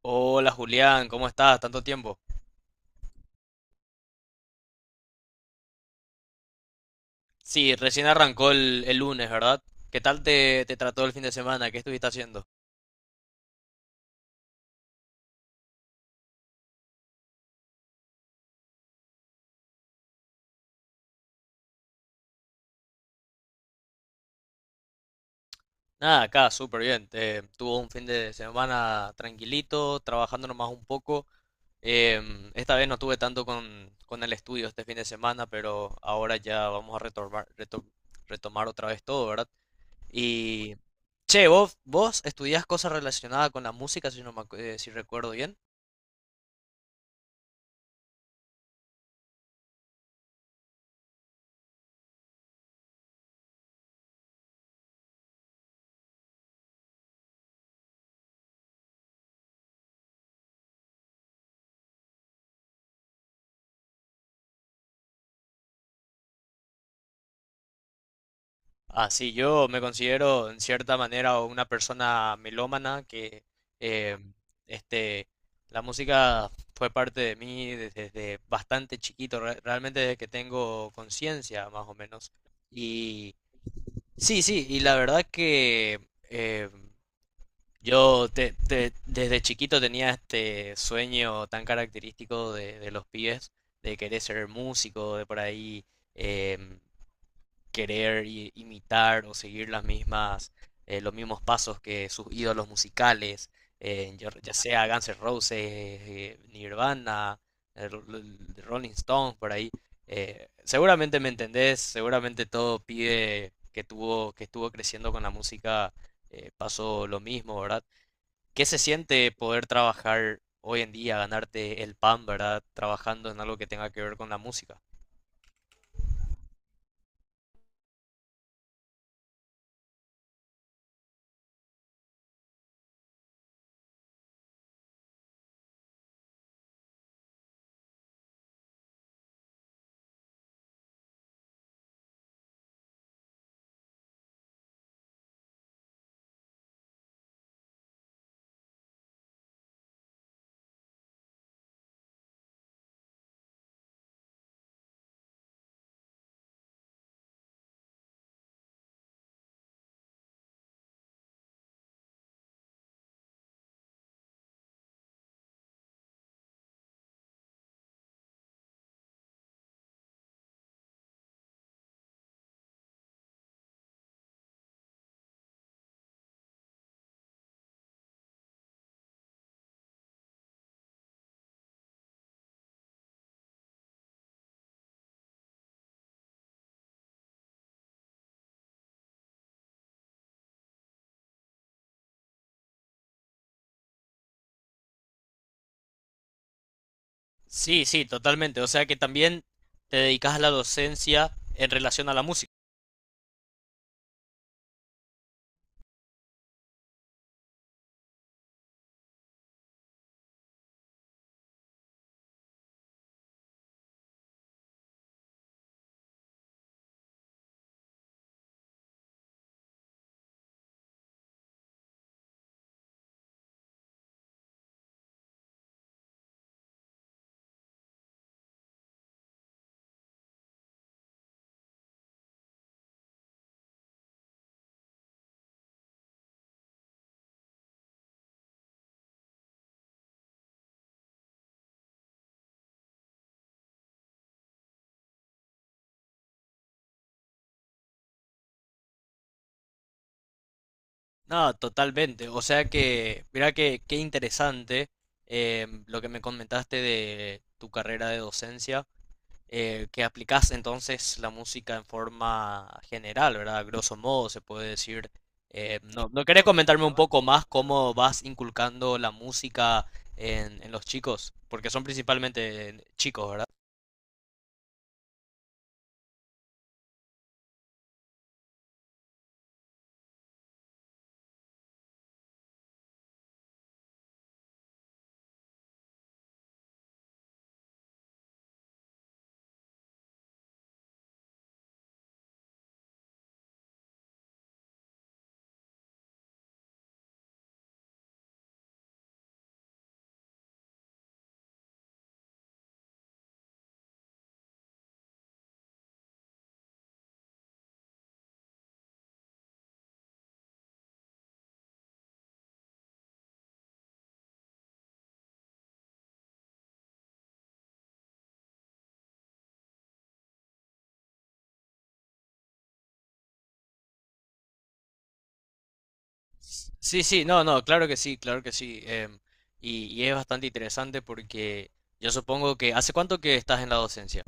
Hola Julián, ¿cómo estás? Tanto tiempo. Sí, recién arrancó el lunes, ¿verdad? ¿Qué tal te trató el fin de semana? ¿Qué estuviste haciendo? Nada, acá, súper bien. Tuve un fin de semana tranquilito, trabajando nomás un poco. Esta vez no tuve tanto con el estudio este fin de semana, pero ahora ya vamos a retomar, retomar otra vez todo, ¿verdad? Y, che, vos estudiás cosas relacionadas con la música, si, si recuerdo bien. Así yo me considero en cierta manera una persona melómana que eh, este, la música fue parte de mí desde bastante chiquito, realmente desde que tengo conciencia más o menos. Y sí, sí, y la verdad que eh, yo desde chiquito tenía este sueño tan característico de los pibes, de querer ser músico, de por ahí. em, querer imitar o seguir las mismas, los mismos pasos que sus ídolos musicales, ya sea Guns N' Roses, Nirvana, eh, Rolling Stones, por ahí. Seguramente me entendés, seguramente todo pide que tuvo, que estuvo creciendo con la música, pasó lo mismo, ¿verdad? ¿Qué se siente poder trabajar hoy en día, ganarte el pan, ¿verdad? Trabajando en algo que tenga que ver con la música. Sí, sí, totalmente. O sea que también te dedicas a la docencia en relación a la música. No, totalmente. O sea que, mira que qué interesante lo que me comentaste de tu carrera de docencia, que aplicas entonces la música en forma general, ¿verdad? A grosso modo se puede decir. No, ¿no querés comentarme un poco más cómo vas inculcando la música en los chicos? Porque son principalmente chicos, ¿verdad? Sí, sí, no, no, claro que sí, claro que sí. Y es bastante interesante porque yo supongo que... ¿Hace cuánto que estás en la docencia?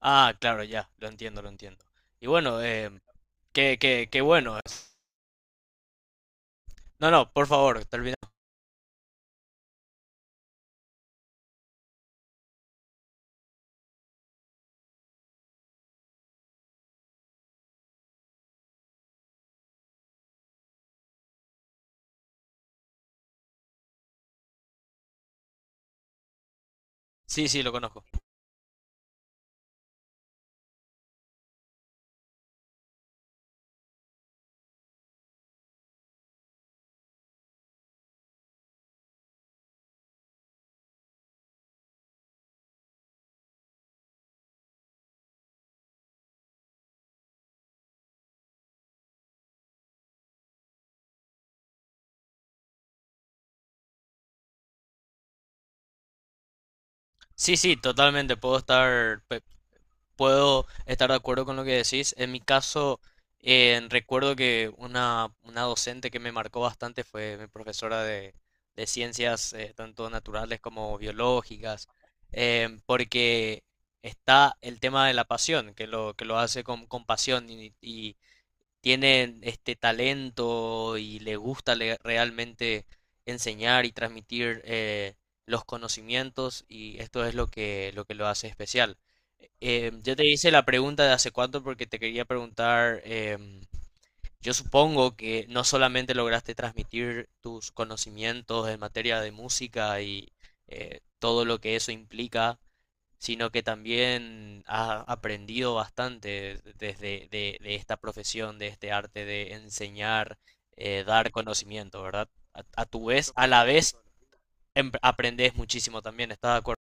Ah, claro, ya, lo entiendo, lo entiendo. Y bueno, qué, qué, qué bueno. No, no, por favor, termina. Sí, sí, lo conozco. Sí, sí, totalmente, puedo estar... Puedo estar de acuerdo con lo que decís. En mi caso, recuerdo que una docente que me marcó bastante fue mi profesora de ciencias, tanto naturales como biológicas, porque está el tema de la pasión, que lo hace con pasión y tienen este talento y realmente enseñar y transmitir los conocimientos y esto es lo que, lo que lo hace especial. Yo te hice la pregunta de hace cuánto porque te quería preguntar, yo supongo que no solamente lograste transmitir tus conocimientos en materia de música y todo lo que eso implica, sino que también has aprendido bastante desde de esta profesión, de este arte de enseñar, dar conocimiento, ¿verdad? A tu vez, a la vez, aprendes muchísimo también, ¿estás de acuerdo?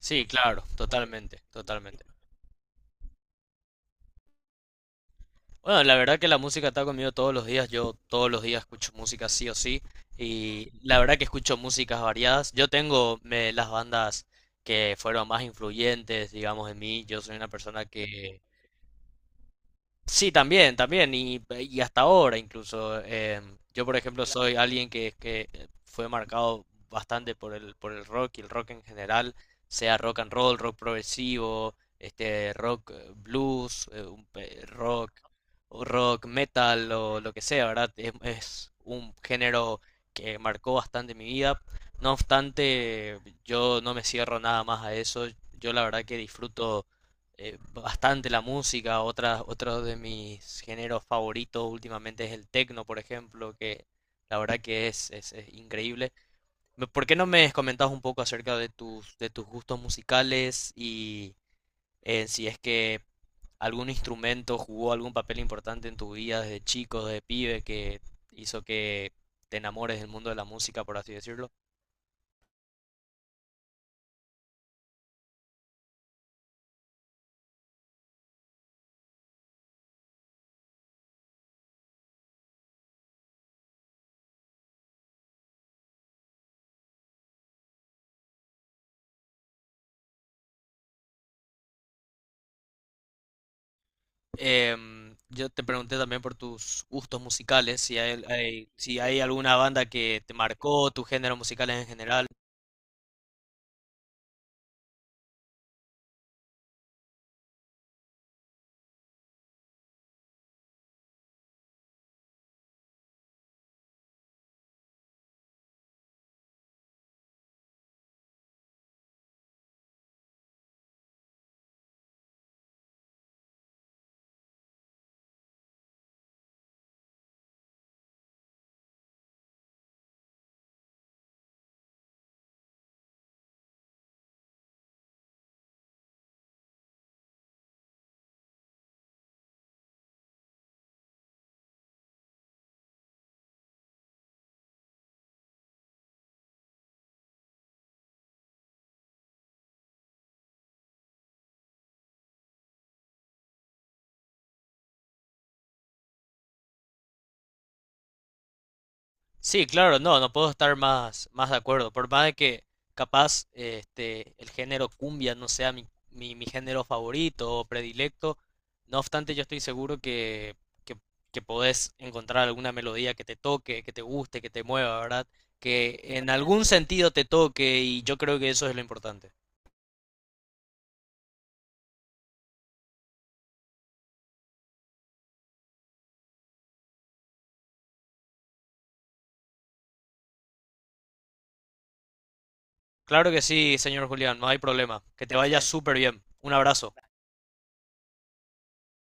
Sí, claro, totalmente, totalmente. Bueno, la verdad que la música está conmigo todos los días, yo todos los días escucho música sí o sí, y la verdad que escucho músicas variadas. Yo tengo las bandas que fueron más influyentes, digamos, en mí. Yo soy una persona que sí, también, también, y hasta ahora incluso. Yo, por ejemplo, soy alguien que fue marcado bastante por por el rock y el rock en general, sea rock and roll, rock progresivo, este, rock blues, rock, o rock metal o lo que sea, ¿verdad? Es un género que marcó bastante mi vida. No obstante, yo no me cierro nada más a eso. Yo la verdad que disfruto bastante la música. Otra, otro de mis géneros favoritos últimamente es el techno, por ejemplo, que la verdad que es increíble. ¿Por qué no me comentas un poco acerca de tus gustos musicales y si es que algún instrumento jugó algún papel importante en tu vida desde chico, desde pibe, que hizo que te enamores del mundo de la música, por así decirlo? Yo te pregunté también por tus gustos musicales, si hay, si hay alguna banda que te marcó, tus géneros musicales en general. Sí, claro, no, no puedo estar más, más de acuerdo. Por más de que capaz este, el género cumbia no sea mi, mi, mi género favorito o predilecto, no obstante yo estoy seguro que, que podés encontrar alguna melodía que te toque, que te guste, que te mueva, ¿verdad? Que en algún sentido te toque y yo creo que eso es lo importante. Claro que sí, señor Julián, no hay problema. Que te vaya súper bien. Un abrazo.